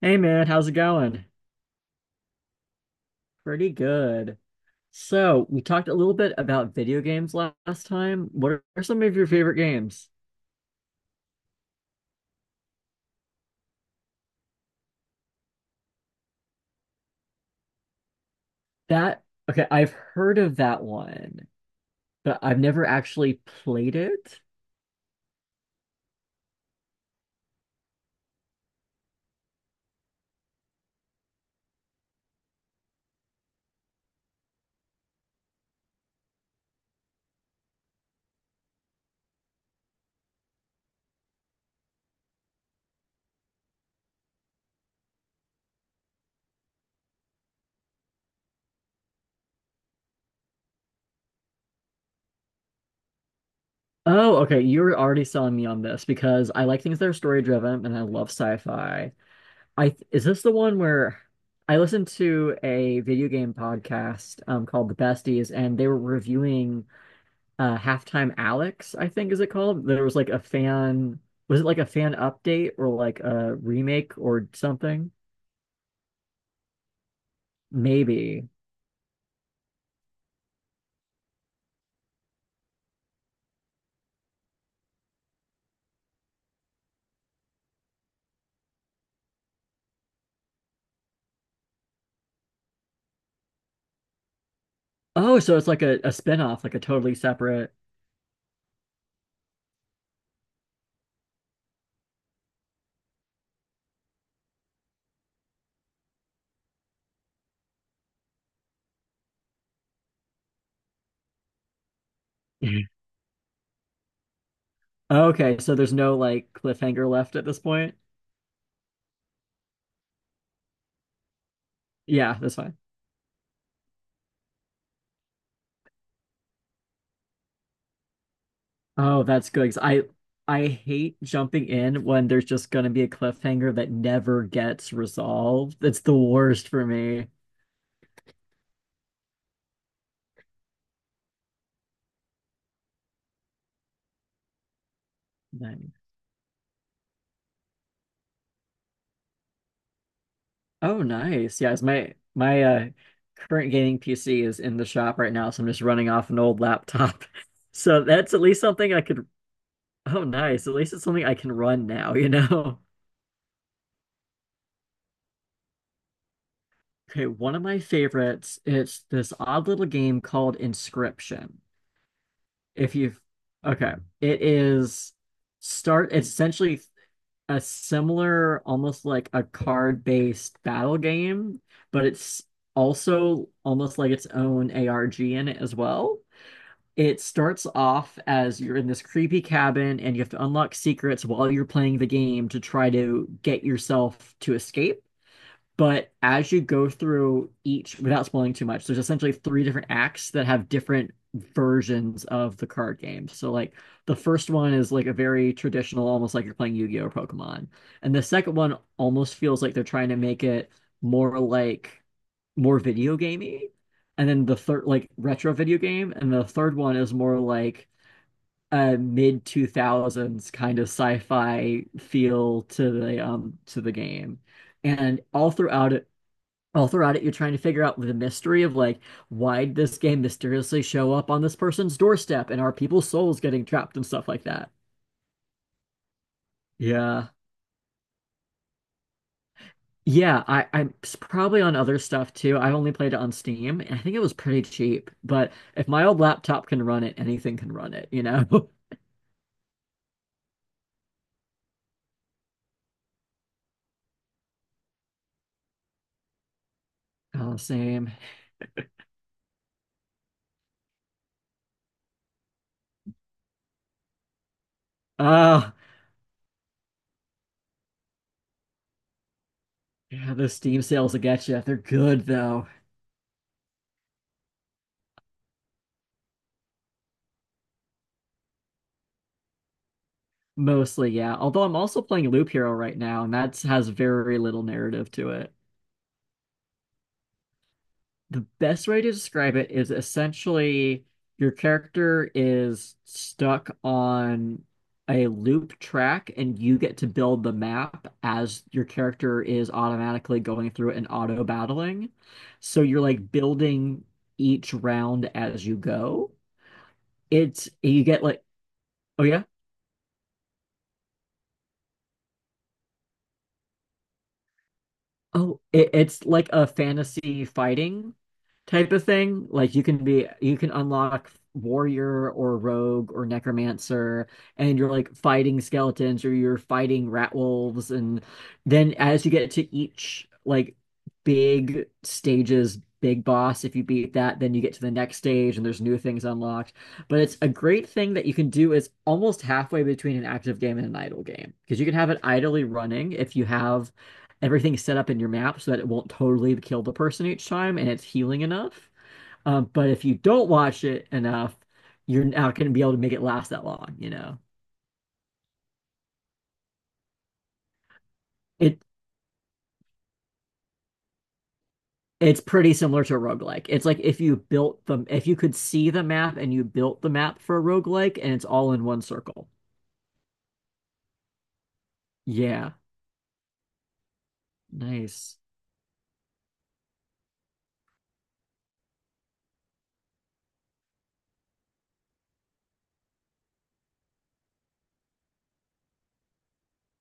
Hey man, how's it going? Pretty good. So, we talked a little bit about video games last time. What are some of your favorite games? That, okay, I've heard of that one, but I've never actually played it. Oh, okay, you're already selling me on this because I like things that are story driven and I love sci-fi. I is this the one where I listened to a video game podcast called The Besties and they were reviewing Halftime Alex, I think is it called? There was like a fan, was it like a fan update or like a remake or something? Maybe. Oh, so it's like a spin-off, like a totally separate. Mhm. Okay, so there's no like cliffhanger left at this point. Yeah, that's fine. Oh, that's good. 'Cause I hate jumping in when there's just gonna be a cliffhanger that never gets resolved. It's the worst for me. Oh, nice. Yes, my current gaming PC is in the shop right now, so I'm just running off an old laptop. So that's at least something I could. Oh, nice. At least it's something I can run now, you know? Okay, one of my favorites, it's this odd little game called Inscription. If you've okay, it is start it's essentially a similar, almost like a card-based battle game, but it's also almost like its own ARG in it as well. It starts off as you're in this creepy cabin and you have to unlock secrets while you're playing the game to try to get yourself to escape. But as you go through each, without spoiling too much, there's essentially three different acts that have different versions of the card game. So, like, the first one is like a very traditional, almost like you're playing Yu Gi Oh! or Pokemon. And the second one almost feels like they're trying to make it more like more video gamey, and then the third like retro video game, and the third one is more like a mid 2000s kind of sci-fi feel to the game. And all throughout it, you're trying to figure out the mystery of like why did this game mysteriously show up on this person's doorstep and are people's souls getting trapped and stuff like that. Yeah. Yeah, I'm probably on other stuff too. I only played it on Steam, and I think it was pretty cheap. But if my old laptop can run it, anything can run it, you know? Oh, same. Oh, yeah, those Steam sales will get you. They're good though. Mostly, yeah. Although I'm also playing Loop Hero right now, and that has very little narrative to it. The best way to describe it is essentially your character is stuck on a loop track and you get to build the map as your character is automatically going through it and auto battling. So you're like building each round as you go. It's you get like oh yeah. Oh, it's like a fantasy fighting type of thing. Like you can be, you can unlock warrior or rogue or necromancer, and you're like fighting skeletons or you're fighting rat wolves. And then as you get to each like big stage's big boss, if you beat that, then you get to the next stage and there's new things unlocked. But it's a great thing that you can do is almost halfway between an active game and an idle game because you can have it idly running if you have everything is set up in your map so that it won't totally kill the person each time and it's healing enough. But if you don't watch it enough, you're not going to be able to make it last that long, you know. It it's pretty similar to a roguelike. It's like if you built the if you could see the map and you built the map for a roguelike and it's all in one circle. Yeah. Nice.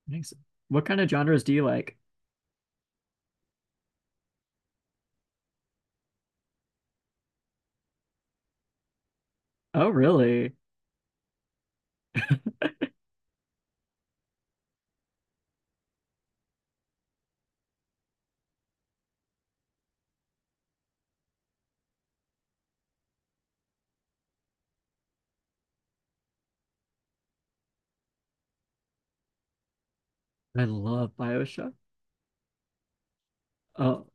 Nice. What kind of genres do you like? Oh, really? I love BioShock. Oh,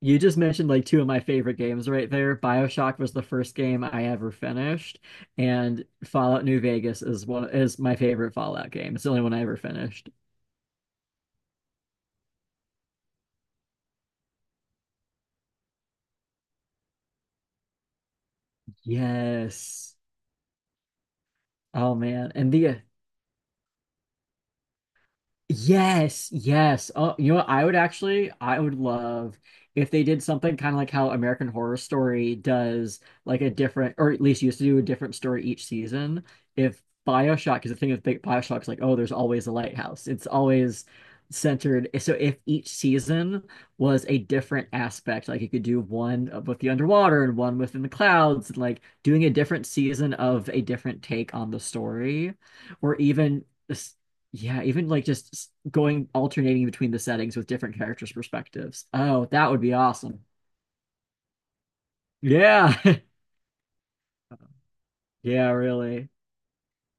you just mentioned like two of my favorite games right there. BioShock was the first game I ever finished, and Fallout New Vegas is one is my favorite Fallout game. It's the only one I ever finished. Yes. Oh man. And the yes, yes. Oh, you know what? I would actually, I would love if they did something kind of like how American Horror Story does, like a different, or at least used to do a different story each season. If BioShock, because the thing with Big BioShock's like, oh, there's always a lighthouse. It's always centered. So if each season was a different aspect, like you could do one with the underwater and one within the clouds, and like doing a different season of a different take on the story, or even. Yeah, even like just s- going alternating between the settings with different characters' perspectives. Oh, that would be awesome. Yeah. Yeah, really.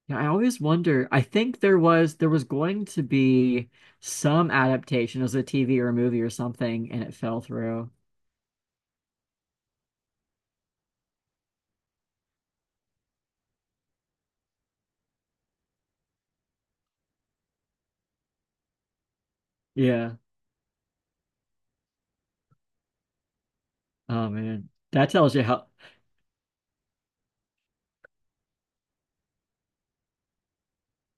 Yeah, I always wonder. I think there was going to be some adaptation as a TV or a movie or something, and it fell through. Yeah. Oh man. That tells you how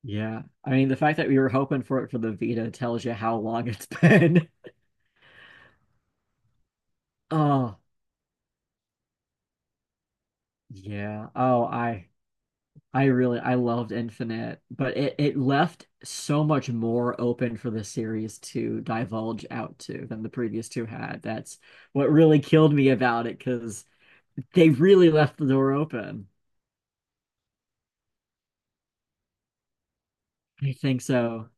yeah. I mean, the fact that we were hoping for it for the Vita tells you how long it's been. Oh, yeah. Oh, I really I loved Infinite, but it left so much more open for the series to divulge out to than the previous two had. That's what really killed me about it because they really left the door open. I think so.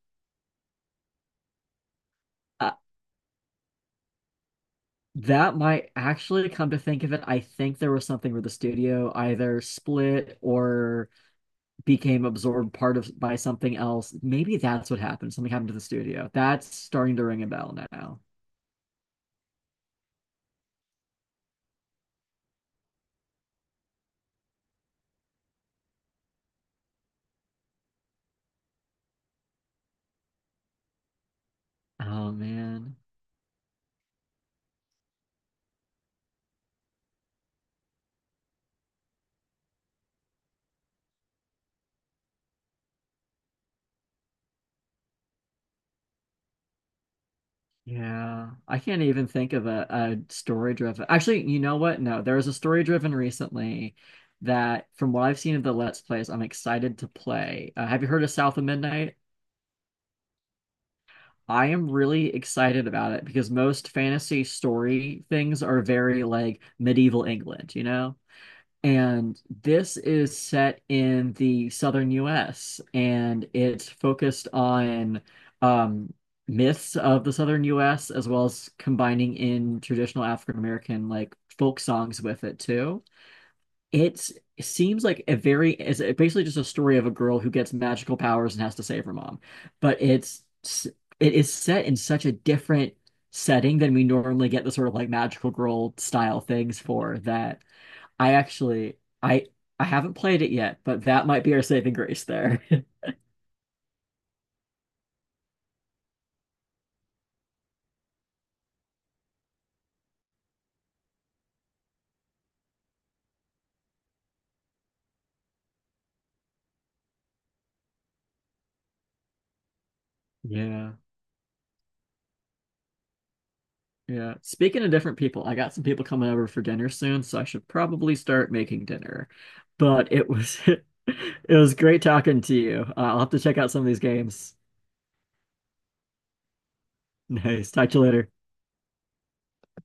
Uh, that might actually come to think of it. I think there was something where the studio either split or became absorbed part of by something else. Maybe that's what happened. Something happened to the studio. That's starting to ring a bell now. Oh man. Yeah, I can't even think of a story driven. Actually, you know what? No, there was a story driven recently that, from what I've seen of the Let's Plays, I'm excited to play. Have you heard of South of Midnight? I am really excited about it because most fantasy story things are very like medieval England, you know? And this is set in the southern US and it's focused on um, myths of the southern US as well as combining in traditional African American like folk songs with it too. It's it seems like a very it's basically just a story of a girl who gets magical powers and has to save her mom. But it's it is set in such a different setting than we normally get the sort of like magical girl style things for that I actually I haven't played it yet, but that might be our saving grace there. Yeah. Yeah. Speaking of different people, I got some people coming over for dinner soon, so I should probably start making dinner. But it was it was great talking to you. I'll have to check out some of these games. Nice. Talk to you later.